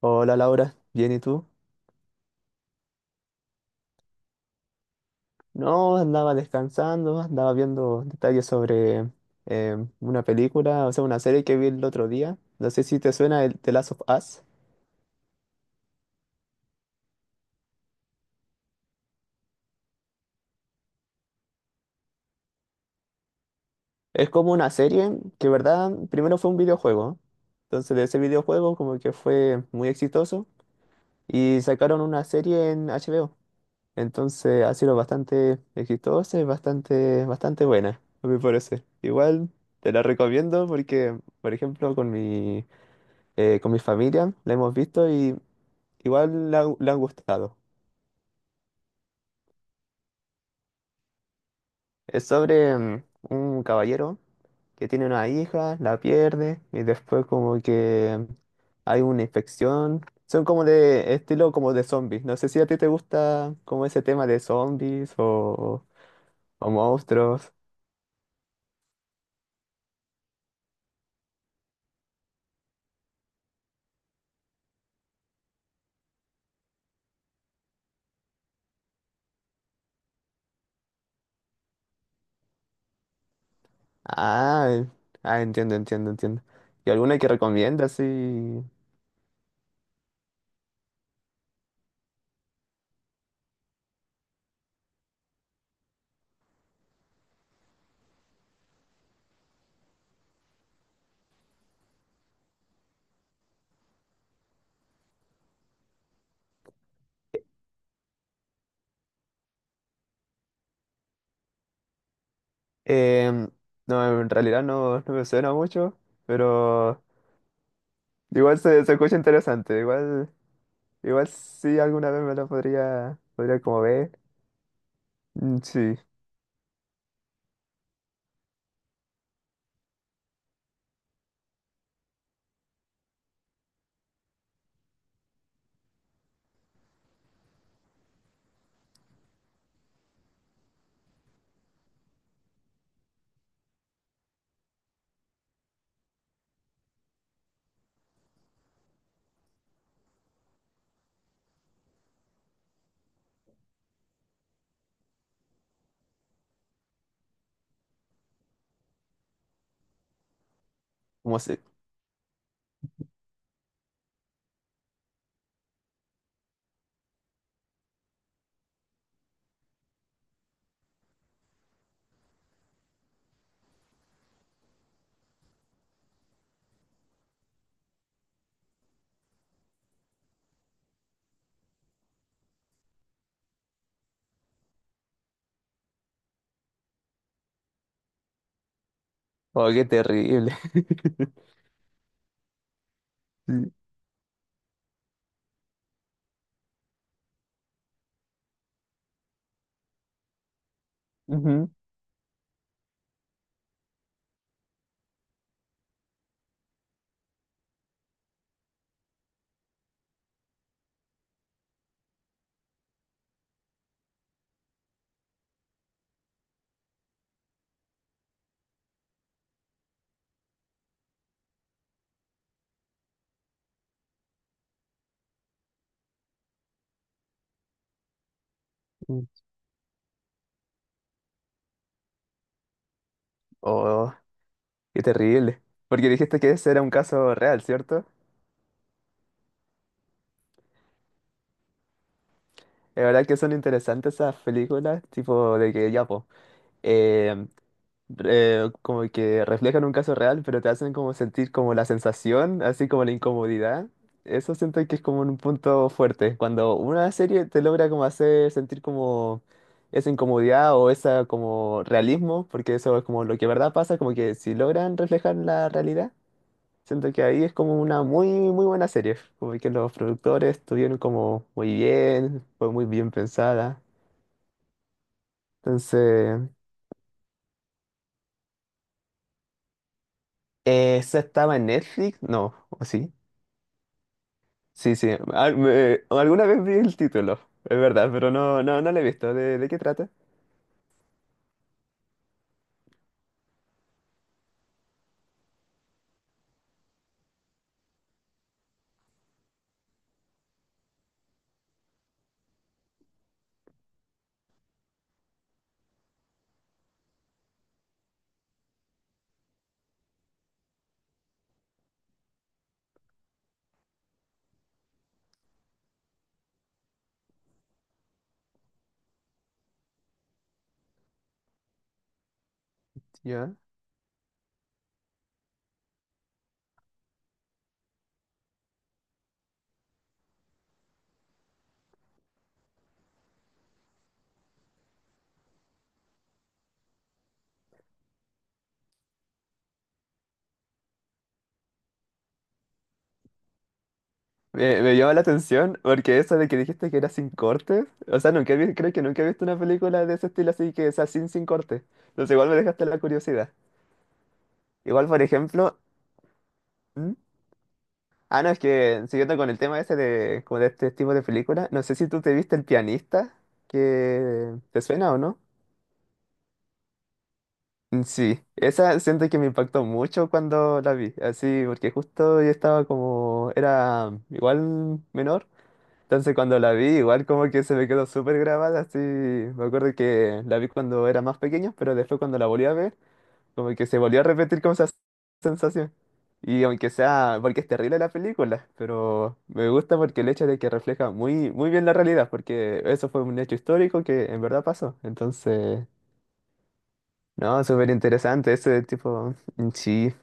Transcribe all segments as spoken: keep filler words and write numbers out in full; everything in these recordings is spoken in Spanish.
Hola Laura, ¿bien y tú? No, andaba descansando, andaba viendo detalles sobre eh, una película, o sea, una serie que vi el otro día. No sé si te suena el The Last of Us. Es como una serie que, verdad, primero fue un videojuego. Entonces de ese videojuego como que fue muy exitoso y sacaron una serie en H B O. Entonces ha sido bastante exitosa y bastante, bastante buena, a mi parecer. Igual te la recomiendo porque, por ejemplo, con mi... eh, con mi familia, la hemos visto y igual le ha- le han gustado. Es sobre mm, un caballero que tiene una hija, la pierde y después como que hay una infección. Son como de estilo como de zombies. No sé si a ti te gusta como ese tema de zombies o, o monstruos. Ah, ah, entiendo, entiendo, entiendo. ¿Y alguna que recomiendas? Sí. Em, no, en realidad no, no me suena mucho, pero igual se, se escucha interesante, igual, igual sí alguna vez me lo podría, podría como ver. Mm, sí, como se, oh, qué terrible. Sí. Ujú. Mm. Oh, qué terrible. Porque dijiste que ese era un caso real, ¿cierto? Es verdad que son interesantes esas películas, tipo de que ya, pues, eh, como que reflejan un caso real, pero te hacen como sentir como la sensación, así como la incomodidad. Eso siento que es como un punto fuerte, cuando una serie te logra como hacer sentir como esa incomodidad o esa como realismo, porque eso es como lo que verdad pasa, como que si logran reflejar la realidad, siento que ahí es como una muy, muy buena serie, como que los productores estuvieron como muy bien, fue muy bien pensada. Entonces, eh, ¿esa estaba en Netflix? No, ¿o sí? Sí, sí. Al- me- alguna vez vi el título, es verdad, pero no, no, no lo he visto. ¿De, de qué trata? Ya. Me, me llama la atención porque eso de que dijiste que era sin cortes. O sea, nunca he vi- creo que nunca he visto una película de ese estilo así que sea sin, sin cortes. Entonces igual me dejaste la curiosidad. Igual, por ejemplo... ¿Mm? Ah, no, es que siguiendo con el tema ese de, como de este tipo de película, no sé si tú te viste El Pianista, que te suena o no. Mm, sí, esa siento que me impactó mucho cuando la vi, así, porque justo yo estaba como, era igual menor, entonces cuando la vi igual como que se me quedó súper grabada, así, me acuerdo que la vi cuando era más pequeño, pero después cuando la volví a ver, como que se volvió a repetir como esa sensación. Y aunque sea, porque es terrible la película, pero me gusta porque el hecho de que refleja muy, muy bien la realidad, porque eso fue un hecho histórico que en verdad pasó, entonces... No, súper interesante ese tipo, mm, sí,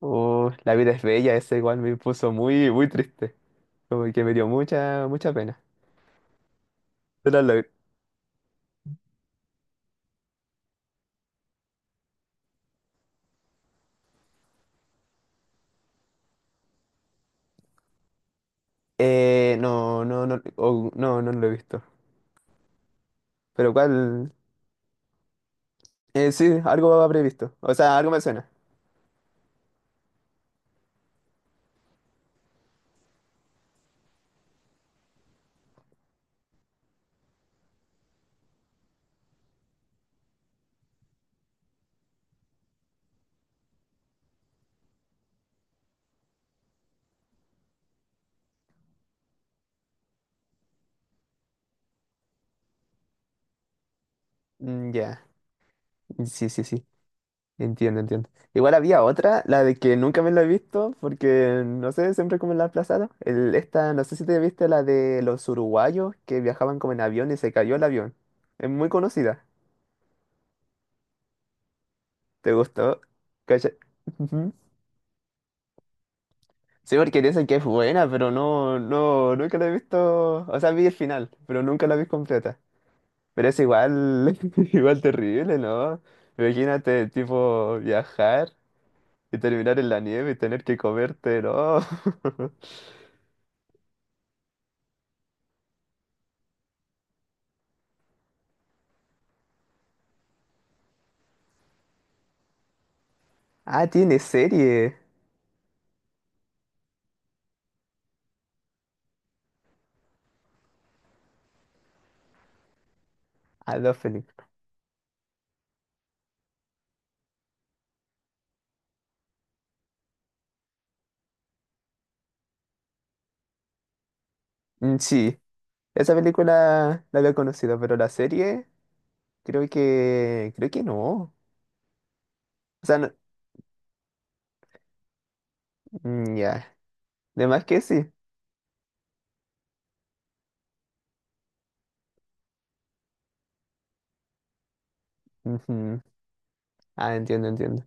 oh, la vida es bella, ese igual me puso muy, muy triste, como que me dio mucha, mucha pena. Pero lo- has log- eh, no, no, no, oh, no, no lo he visto. Pero cuál, eh, sí, algo habré visto, o sea, algo me suena. Mm, ya, mm, sí, sí, sí, entiendo, entiendo. Igual había otra, la de que nunca me la he visto, porque, no sé, siempre como la he aplazado. El, esta, no sé si te viste la de los uruguayos que viajaban como en avión y se cayó el avión. Es muy conocida. ¿Te gustó? ¿Cacha? Ujú. Sí, porque dicen que es buena, pero no, no, nunca la he visto. O sea, vi el final, pero nunca la vi completa. Pero es igual, igual terrible, ¿no? Imagínate, tipo, viajar y terminar en la nieve y tener que comerte, ¿no? Ah, tiene serie. Ah, dos películas. Mm, sí, esa película la había conocido, pero la serie creo que, creo que no. O sea, no- mm, ya, de más que sí. Ujú. Ah, entiendo, entiendo.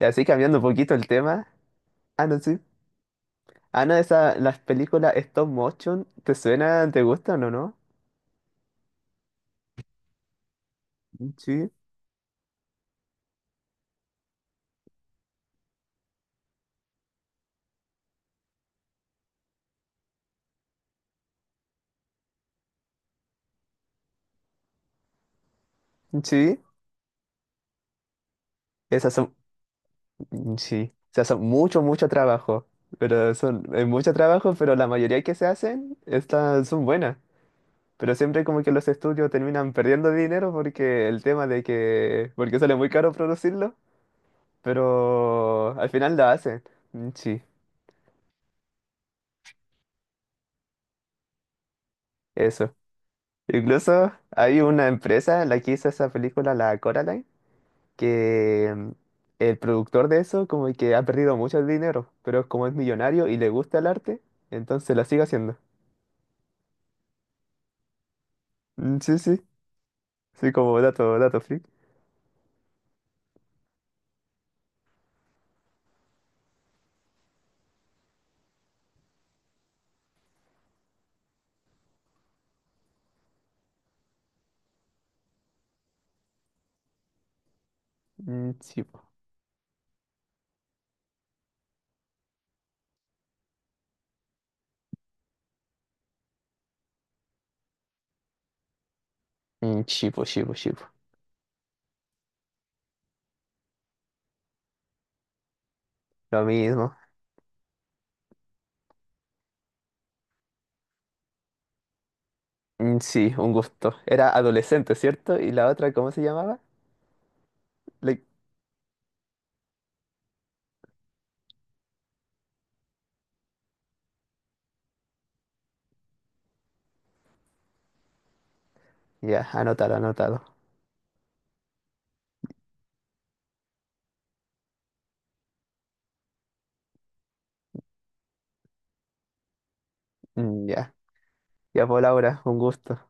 Y así cambiando un poquito el tema. Ah, no, sí. Ana, esa, las películas stop motion, ¿te suenan? ¿Te gustan o no? Sí, sí. Esas son, sí. Esas son mucho, mucho trabajo. Pero son, es mucho trabajo, pero la mayoría que se hacen, estas son buenas. Pero siempre como que los estudios terminan perdiendo dinero porque el tema de que, porque sale muy caro producirlo, pero al final lo hacen. Mm, sí, eso. Incluso hay una empresa, la que hizo esa película, la Coraline. Que mm, el productor de eso como que ha perdido mucho el dinero, pero como es millonario y le gusta el arte, entonces la sigue haciendo. Mm, sí, sí, sí, como dato, dato freak. Mm, sí, po. Mm, sí, po, sí, po, sí, po. Lo mismo. Mm, sí, un gusto. Era adolescente, ¿cierto? Y la otra, ¿cómo se llamaba? Le- ya, anotado, anotado. Mm, ya, ya por Laura, un gusto.